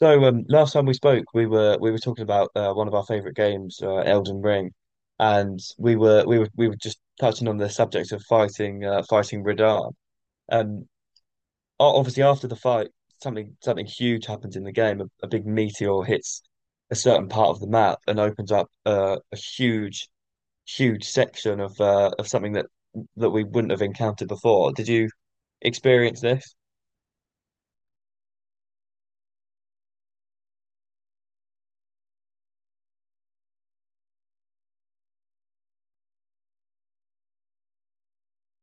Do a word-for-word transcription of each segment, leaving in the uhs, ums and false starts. So um, last time we spoke, we were we were talking about uh, one of our favorite games, uh, Elden Ring, and we were we were we were just touching on the subject of fighting uh, fighting Radahn. Um, o- Obviously after the fight, something something huge happens in the game. A, a big meteor hits a certain part of the map and opens up uh, a huge huge section of uh, of something that that we wouldn't have encountered before. Did you experience this?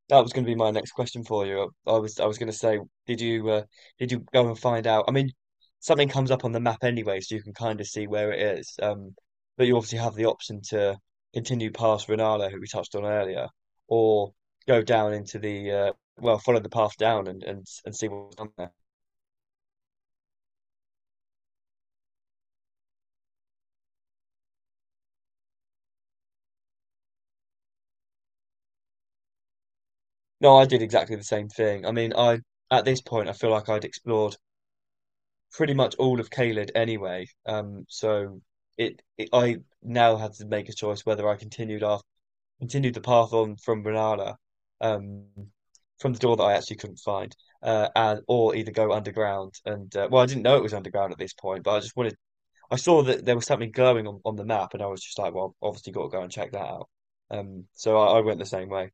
That was going to be my next question for you. I, was I was going to say, did you uh, did you go and find out? I mean, something comes up on the map anyway, so you can kind of see where it is. Um, but you obviously have the option to continue past Renala, who we touched on earlier, or go down into the uh, well, follow the path down and and and see what's down there. No, I did exactly the same thing. I mean, I at this point I feel like I'd explored pretty much all of Caelid anyway. Um, so it, it I now had to make a choice whether I continued after continued the path on from Renala, um, from the door that I actually couldn't find, uh, and or either go underground and uh, well, I didn't know it was underground at this point, but I just wanted. I saw that there was something glowing on, on the map, and I was just like, well, obviously got to go and check that out. Um, so I, I went the same way.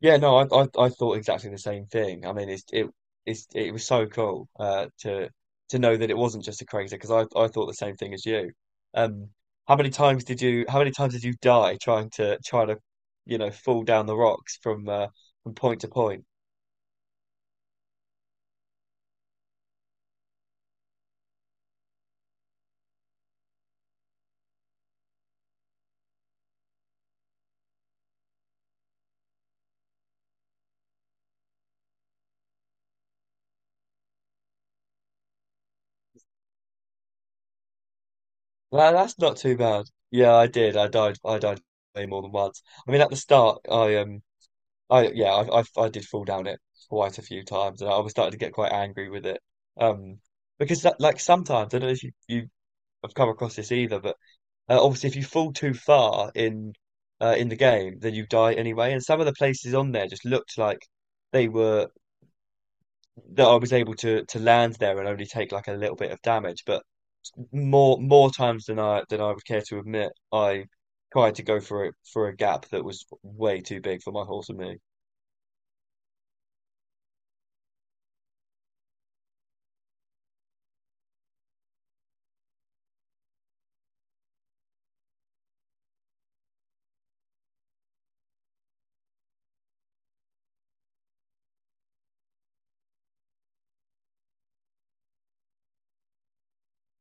Yeah, no, I, I I thought exactly the same thing. I mean, it's it it's it was so cool uh, to to know that it wasn't just a crazy because I I thought the same thing as you. Um, how many times did you how many times did you die trying to trying to you know fall down the rocks from uh, from point to point? Well, that's not too bad. Yeah, I did. I died. I died way more than once. I mean, at the start, I um I yeah I I, I did fall down it quite a few times, and I was starting to get quite angry with it. Um. Because that, like sometimes I don't know if you, you I've come across this either, but uh, obviously, if you fall too far in uh, in the game, then you die anyway. And some of the places on there just looked like they were that I was able to to land there and only take like a little bit of damage. But more more times than I than I would care to admit, I tried to go for a for a gap that was way too big for my horse and me.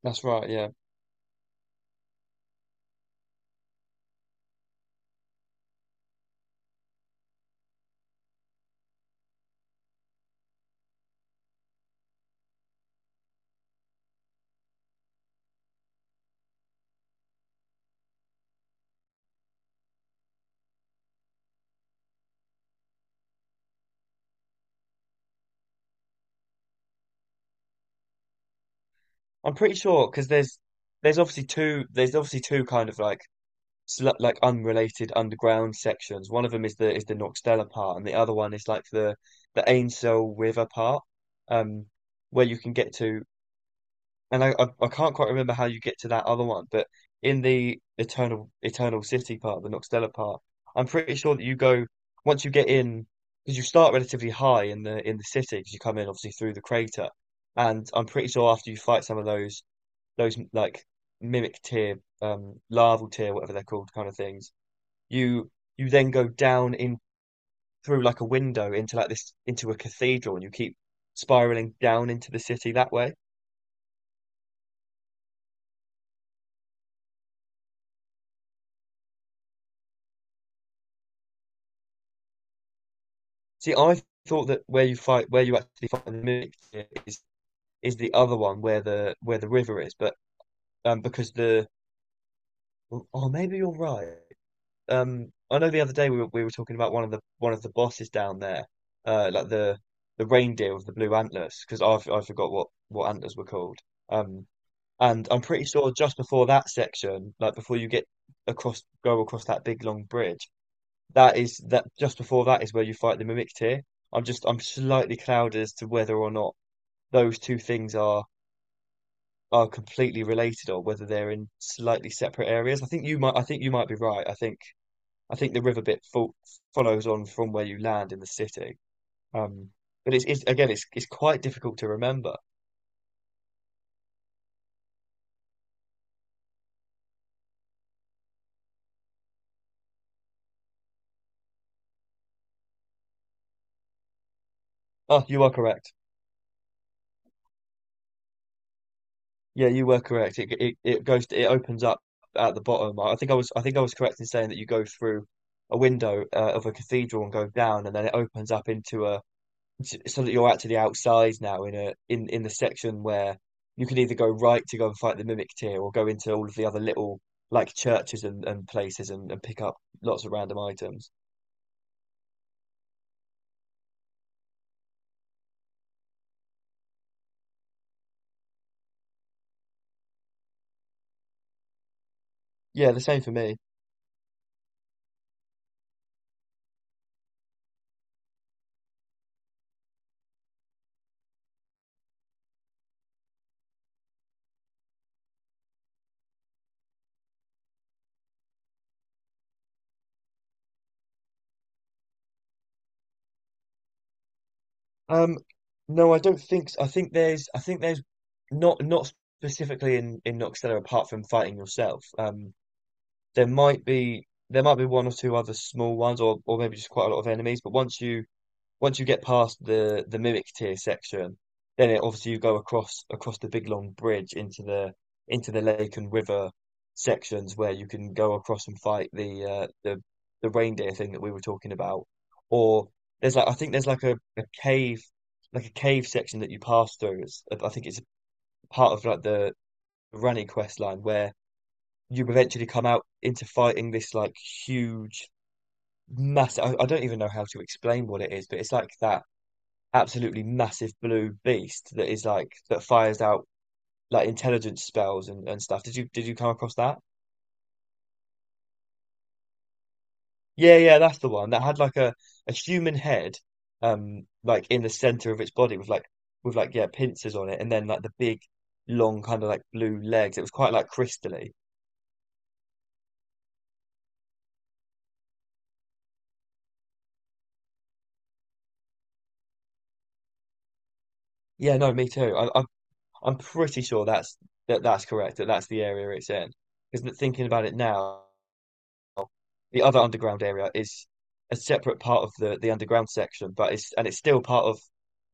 That's right, yeah. I'm pretty sure because there's there's obviously two there's obviously two kind of like sl- like like, unrelated underground sections. One of them is the is the Noxtella part, and the other one is like the the Ainsel River part, um, where you can get to. And I, I I can't quite remember how you get to that other one, but in the Eternal Eternal City part, the Noxtella part, I'm pretty sure that you go once you get in because you start relatively high in the in the city because you come in obviously through the crater, and I'm pretty sure after you fight some of those those like mimic tier um larval tier whatever they're called kind of things you you then go down in through like a window into like this into a cathedral and you keep spiraling down into the city that way. See, I thought that where you fight where you actually fight in the mimic is is the other one where the where the river is, but um because the oh maybe you're right. Um I know the other day we were, we were talking about one of the one of the bosses down there, uh like the the reindeer with the blue antlers because I I forgot what what antlers were called. Um And I'm pretty sure just before that section, like before you get across, go across that big long bridge, that is that just before that is where you fight the Mimictyr. I'm just I'm slightly clouded as to whether or not those two things are are completely related or whether they're in slightly separate areas. I think you might I think you might be right. I think I think the river bit fo follows on from where you land in the city. Um, but it's, it's again it's it's quite difficult to remember. Oh, you are correct. Yeah, you were correct. It it, it goes it opens up at the bottom. I think I was I think I was correct in saying that you go through a window uh, of a cathedral and go down, and then it opens up into a so that you're actually outside now in a in in the section where you can either go right to go and fight the Mimic Tier or go into all of the other little like churches and, and places and, and pick up lots of random items. Yeah, the same for me. Um, no, I don't think so. I think there's, I think there's not not specifically in in Noxtella apart from fighting yourself. Um, there might be there might be one or two other small ones, or or maybe just quite a lot of enemies. But once you once you get past the the mimic tier section, then it obviously you go across across the big long bridge into the into the lake and river sections where you can go across and fight the uh, the the reindeer thing that we were talking about. Or there's like I think there's like a, a cave like a cave section that you pass through. It's, I think it's part of like the Rani quest line where you eventually come out into fighting this like huge massive I, I don't even know how to explain what it is, but it's like that absolutely massive blue beast that is like that fires out like intelligence spells and, and stuff. Did you did you come across that? Yeah, yeah, that's the one that had like a, a human head, um, like in the center of its body with like with like yeah pincers on it, and then like the big long kind of like blue legs. It was quite like crystally. Yeah, no, me too. I, I'm I'm pretty sure that's that that's correct. That that's the area it's in. Because thinking about it now. The other underground area is a separate part of the the underground section, but it's and it's still part of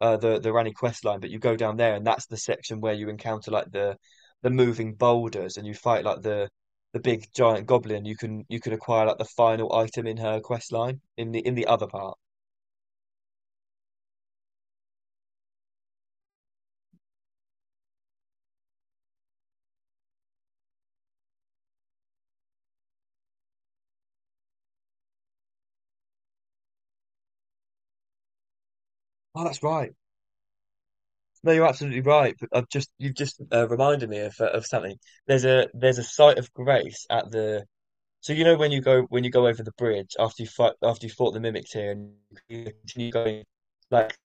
uh, the the Rani quest line. But you go down there, and that's the section where you encounter like the the moving boulders, and you fight like the the big giant goblin. You can you can acquire like the final item in her quest line in the in the other part. Oh, that's right. No, you're absolutely right. But I've just you've just uh, reminded me of uh, of something. There's a there's a site of grace at the. So you know when you go when you go over the bridge after you fight after you fought the mimics here and you continue going, like,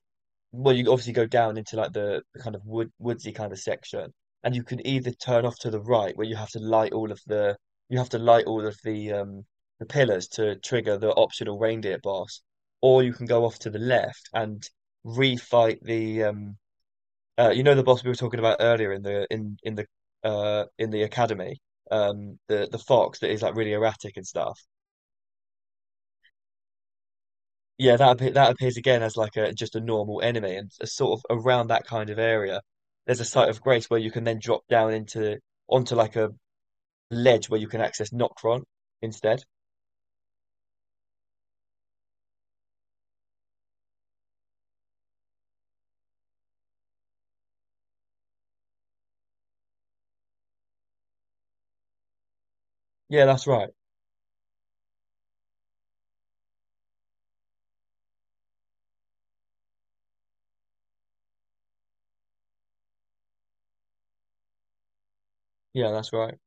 well, you obviously go down into like the, the kind of wood woodsy kind of section, and you can either turn off to the right where you have to light all of the you have to light all of the um the pillars to trigger the optional reindeer boss, or you can go off to the left and refight the um uh, you know the boss we were talking about earlier in the in in the uh in the academy um the the fox that is like really erratic and stuff. Yeah, that appe- that appears again as like a just a normal enemy, and a sort of around that kind of area, there's a site of grace where you can then drop down into onto like a ledge where you can access Noctron instead. Yeah, that's right. Yeah, that's right.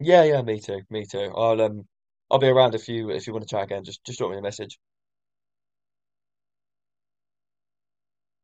Yeah, yeah, me too, me too. I'll um, I'll be around if you if you want to chat again. Just just drop me a message.